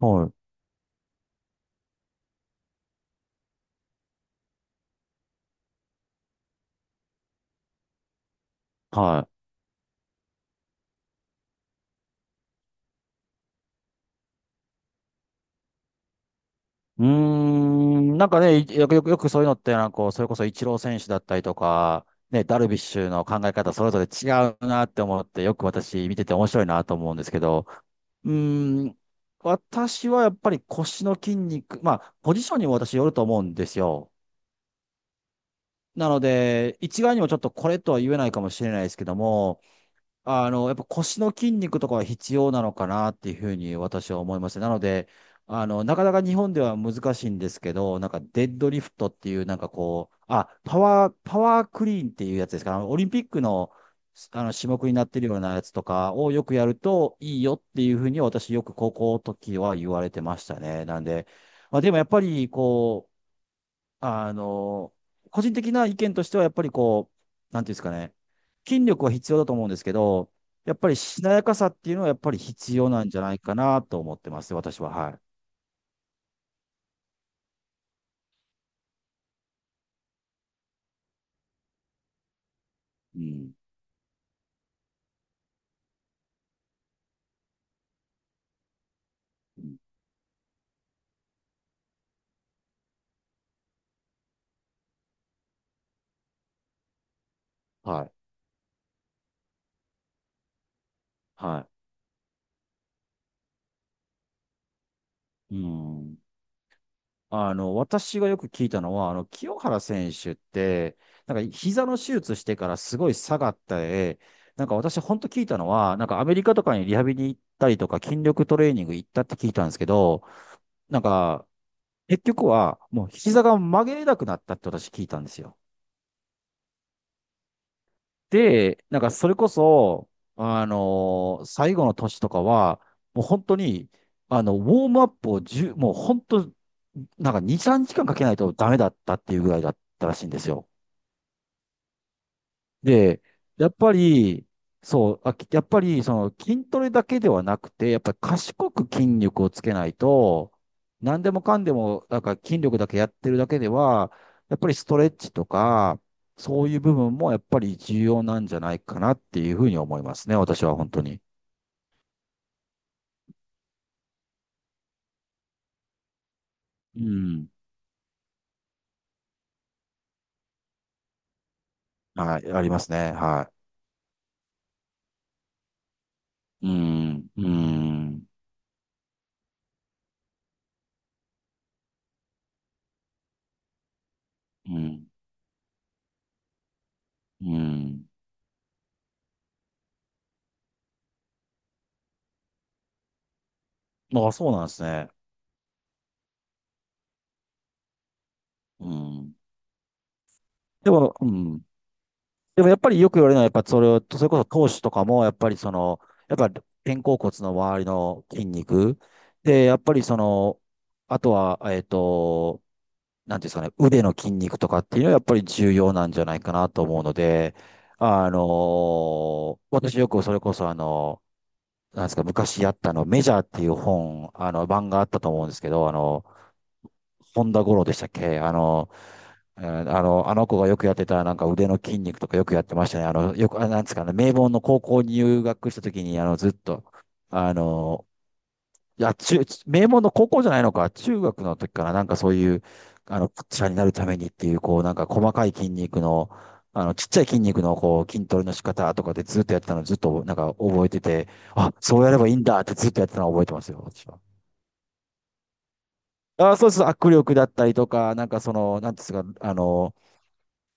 はい。はい。うーん、なんかね、いよくよく、よくそういうのって、なんかこう、それこそイチロー選手だったりとか、ね、ダルビッシュの考え方それぞれ違うなって思って、よく私見てて面白いなと思うんですけど、うーん、私はやっぱり腰の筋肉、まあ、ポジションにも私よると思うんですよ。なので、一概にもちょっとこれとは言えないかもしれないですけども、あの、やっぱ腰の筋肉とかは必要なのかなっていうふうに私は思います。なので、あの、なかなか日本では難しいんですけど、なんかデッドリフトっていうなんかこう、あ、パワークリーンっていうやつですか？あのオリンピックの、あの種目になってるようなやつとかをよくやるといいよっていうふうに私よく高校の時は言われてましたね。なんで、まあでもやっぱりこう、あの、個人的な意見としては、やっぱりこう、なんていうんですかね、筋力は必要だと思うんですけど、やっぱりしなやかさっていうのはやっぱり必要なんじゃないかなと思ってます、私は。はい。うん。うん。はい。はい。うん。あの、私がよく聞いたのは、あの、清原選手って、なんか膝の手術してからすごい下がった、なんか私本当聞いたのは、なんかアメリカとかにリハビリ行ったりとか筋力トレーニング行ったって聞いたんですけど、なんか結局は、もう膝が曲げれなくなったって私聞いたんですよ。で、なんかそれこそ、最後の年とかは、もう本当に、あの、ウォームアップを1もう本当、なんか2、3時間かんかけないとダメだったっていうぐらいだったらしいんですよ。で、やっぱり、そう、やっぱり、その筋トレだけではなくて、やっぱり賢く筋力をつけないと、何でもかんでも、なんか筋力だけやってるだけでは、やっぱりストレッチとか、そういう部分もやっぱり重要なんじゃないかなっていうふうに思いますね、私は本当に。うん。はい、ありますね。はい。うん、うん、うん、うん。あ、そうなんですね。うん。でも、うん。でもやっぱりよく言われるのは、やっぱそれを、それこそ投手とかも、やっぱりその、やっぱ肩甲骨の周りの筋肉。で、やっぱりその、あとは、えっと、なんていうんですかね、腕の筋肉とかっていうのはやっぱり重要なんじゃないかなと思うので、あのー私よくそれこそあの、なんですか、昔やったあの、メジャーっていう本、あの、版があったと思うんですけど、あの、本田五郎でしたっけ？あの、あの子がよくやってた、なんか腕の筋肉とかよくやってましたね。あの、よく、あ、なんですかね、名門の高校に入学した時に、あの、ずっと、あの、いや、名門の高校じゃないのか、中学の時から、なんかそういう、あの、ピッチャーになるためにっていう、こう、なんか細かい筋肉の、あの、ちっちゃい筋肉の、こう、筋トレの仕方とかでずっとやってたの、ずっと、なんか覚えてて、あ、そうやればいいんだってずっとやってたのを覚えてますよ、私は。あ、そうそう、握力だったりとか、なんかその、なんていうんですか、あの、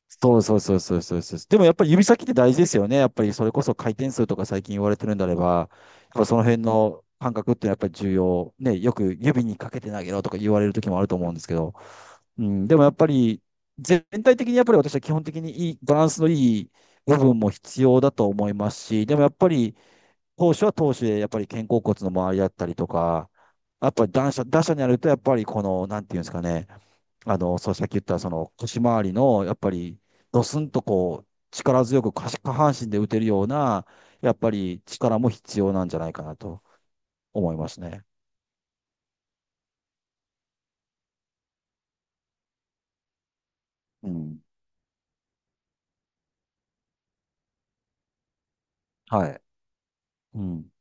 そうそうそうそうそうそう。でもやっぱり指先って大事ですよね。やっぱりそれこそ回転数とか最近言われてるんであれば、やっぱその辺の感覚ってやっぱり重要。ね、よく指にかけて投げろとか言われる時もあると思うんですけど、うん、でもやっぱり全体的にやっぱり私は基本的にいい、バランスのいい部分も必要だと思いますし、でもやっぱり投手は投手でやっぱり肩甲骨の周りだったりとか、やっぱり打者、打者になるとやっぱりこの、なんていうんですかね、あの、そう、さっき言った、その、腰回りの、やっぱり、ドスンとこう、力強く下半身で打てるような、やっぱり力も必要なんじゃないかなと思いますね。うん。はい。うん。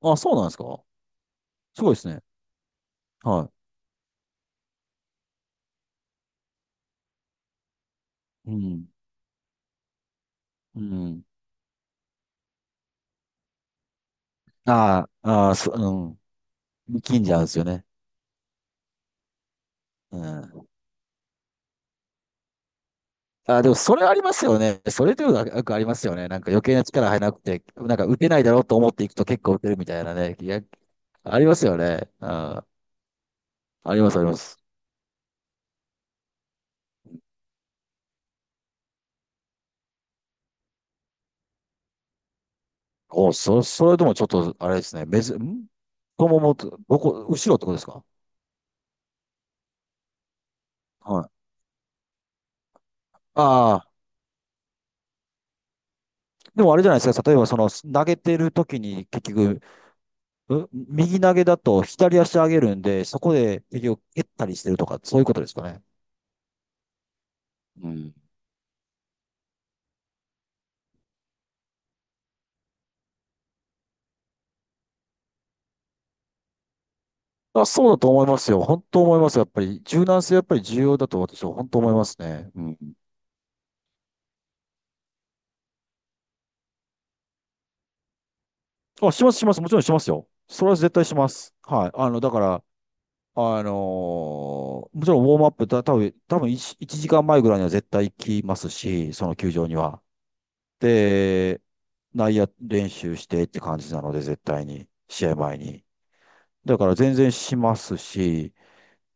あ、そうなんですか？すごいですね。はい。うん。うん。ああ、ああ、うん。力んじゃうんですよね。うん。あ、でもそれありますよね。それというかよくありますよね。なんか余計な力入らなくて、なんか打てないだろうと思っていくと結構打てるみたいなね。いや、ありますよね。うん。あります、あります。お、それともちょっと、あれですね。太ももと、どこ、後ろってことですか？はい。ああ、でもあれじゃないですか。例えば、その、投げてる時に、結局、う右投げだと左足上げるんで、そこで、結局、蹴ったりしてるとか、そういうことですかね。うん。あ、そうだと思いますよ。本当思います。やっぱり、柔軟性やっぱり重要だと私は本当思いますね。うん。あ、します、します。もちろんしますよ。それは絶対します。はい。あの、だから、あのもちろんウォームアップだ、多分1、一時間前ぐらいには絶対行きますし、その球場には。で、内野練習してって感じなので、絶対に、試合前に。だから全然しますし、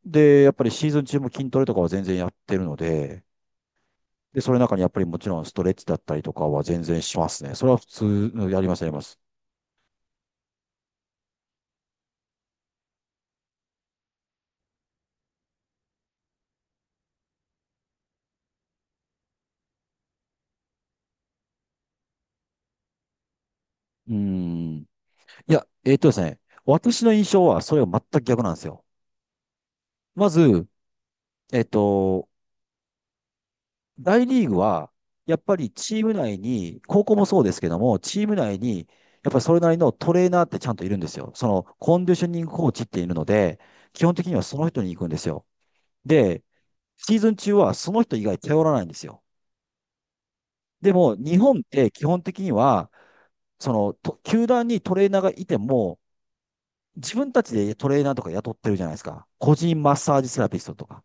で、やっぱりシーズン中も筋トレとかは全然やってるので、で、それの中にやっぱりもちろんストレッチだったりとかは全然しますね。それは普通やります、やります。うーん。いや、えっとですね、私の印象はそれが全く逆なんですよ。まず、えっと、大リーグは、やっぱりチーム内に、高校もそうですけども、チーム内に、やっぱりそれなりのトレーナーってちゃんといるんですよ。その、コンディショニングコーチっているので、基本的にはその人に行くんですよ。で、シーズン中はその人以外頼らないんですよ。でも、日本って基本的には、その、と球団にトレーナーがいても、自分たちでトレーナーとか雇ってるじゃないですか。個人マッサージセラピストとか。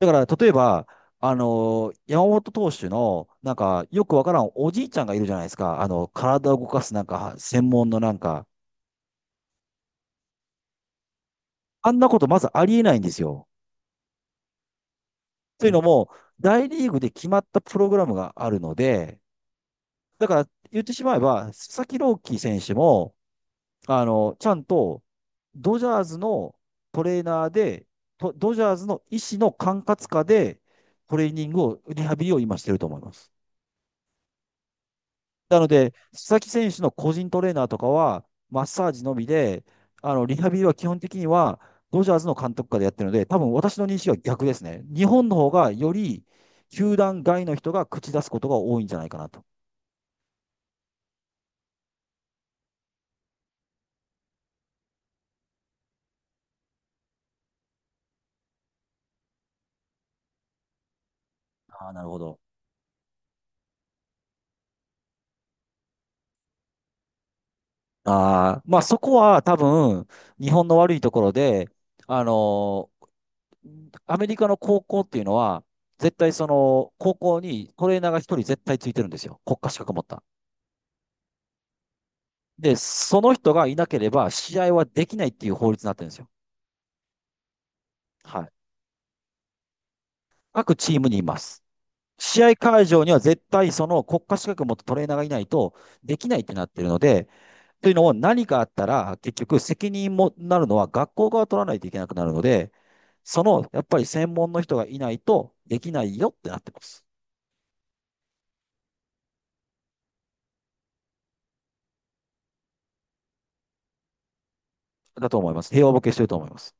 だから、例えば、山本投手の、なんか、よくわからんおじいちゃんがいるじゃないですか。あの、体を動かすなんか、専門のなんか、あんなことまずありえないんですよ。というのも、大リーグで決まったプログラムがあるので、だから言ってしまえば、佐々木朗希選手も、あの、ちゃんと、ドジャーズのトレーナーで、とドジャーズの医師の管轄下で、トレーニングを、リハビリを今してると思います。なので、須崎選手の個人トレーナーとかは、マッサージのみで、あの、リハビリは基本的には、ドジャーズの監督下でやってるので、多分私の認識は逆ですね。日本の方がより、球団外の人が口出すことが多いんじゃないかなと。ああ、なるほど。ああ、まあそこは多分、日本の悪いところで、あのーアメリカの高校っていうのは、絶対その、高校にトレーナーが一人絶対ついてるんですよ。国家資格持った。で、その人がいなければ試合はできないっていう法律になってるんですよ。はい。各チームにいます。試合会場には絶対その国家資格を持ったトレーナーがいないとできないってなってるので、というのも何かあったら結局責任もなるのは学校側取らないといけなくなるので、そのやっぱり専門の人がいないとできないよってなってます。だと思います。平和ボケしてると思います。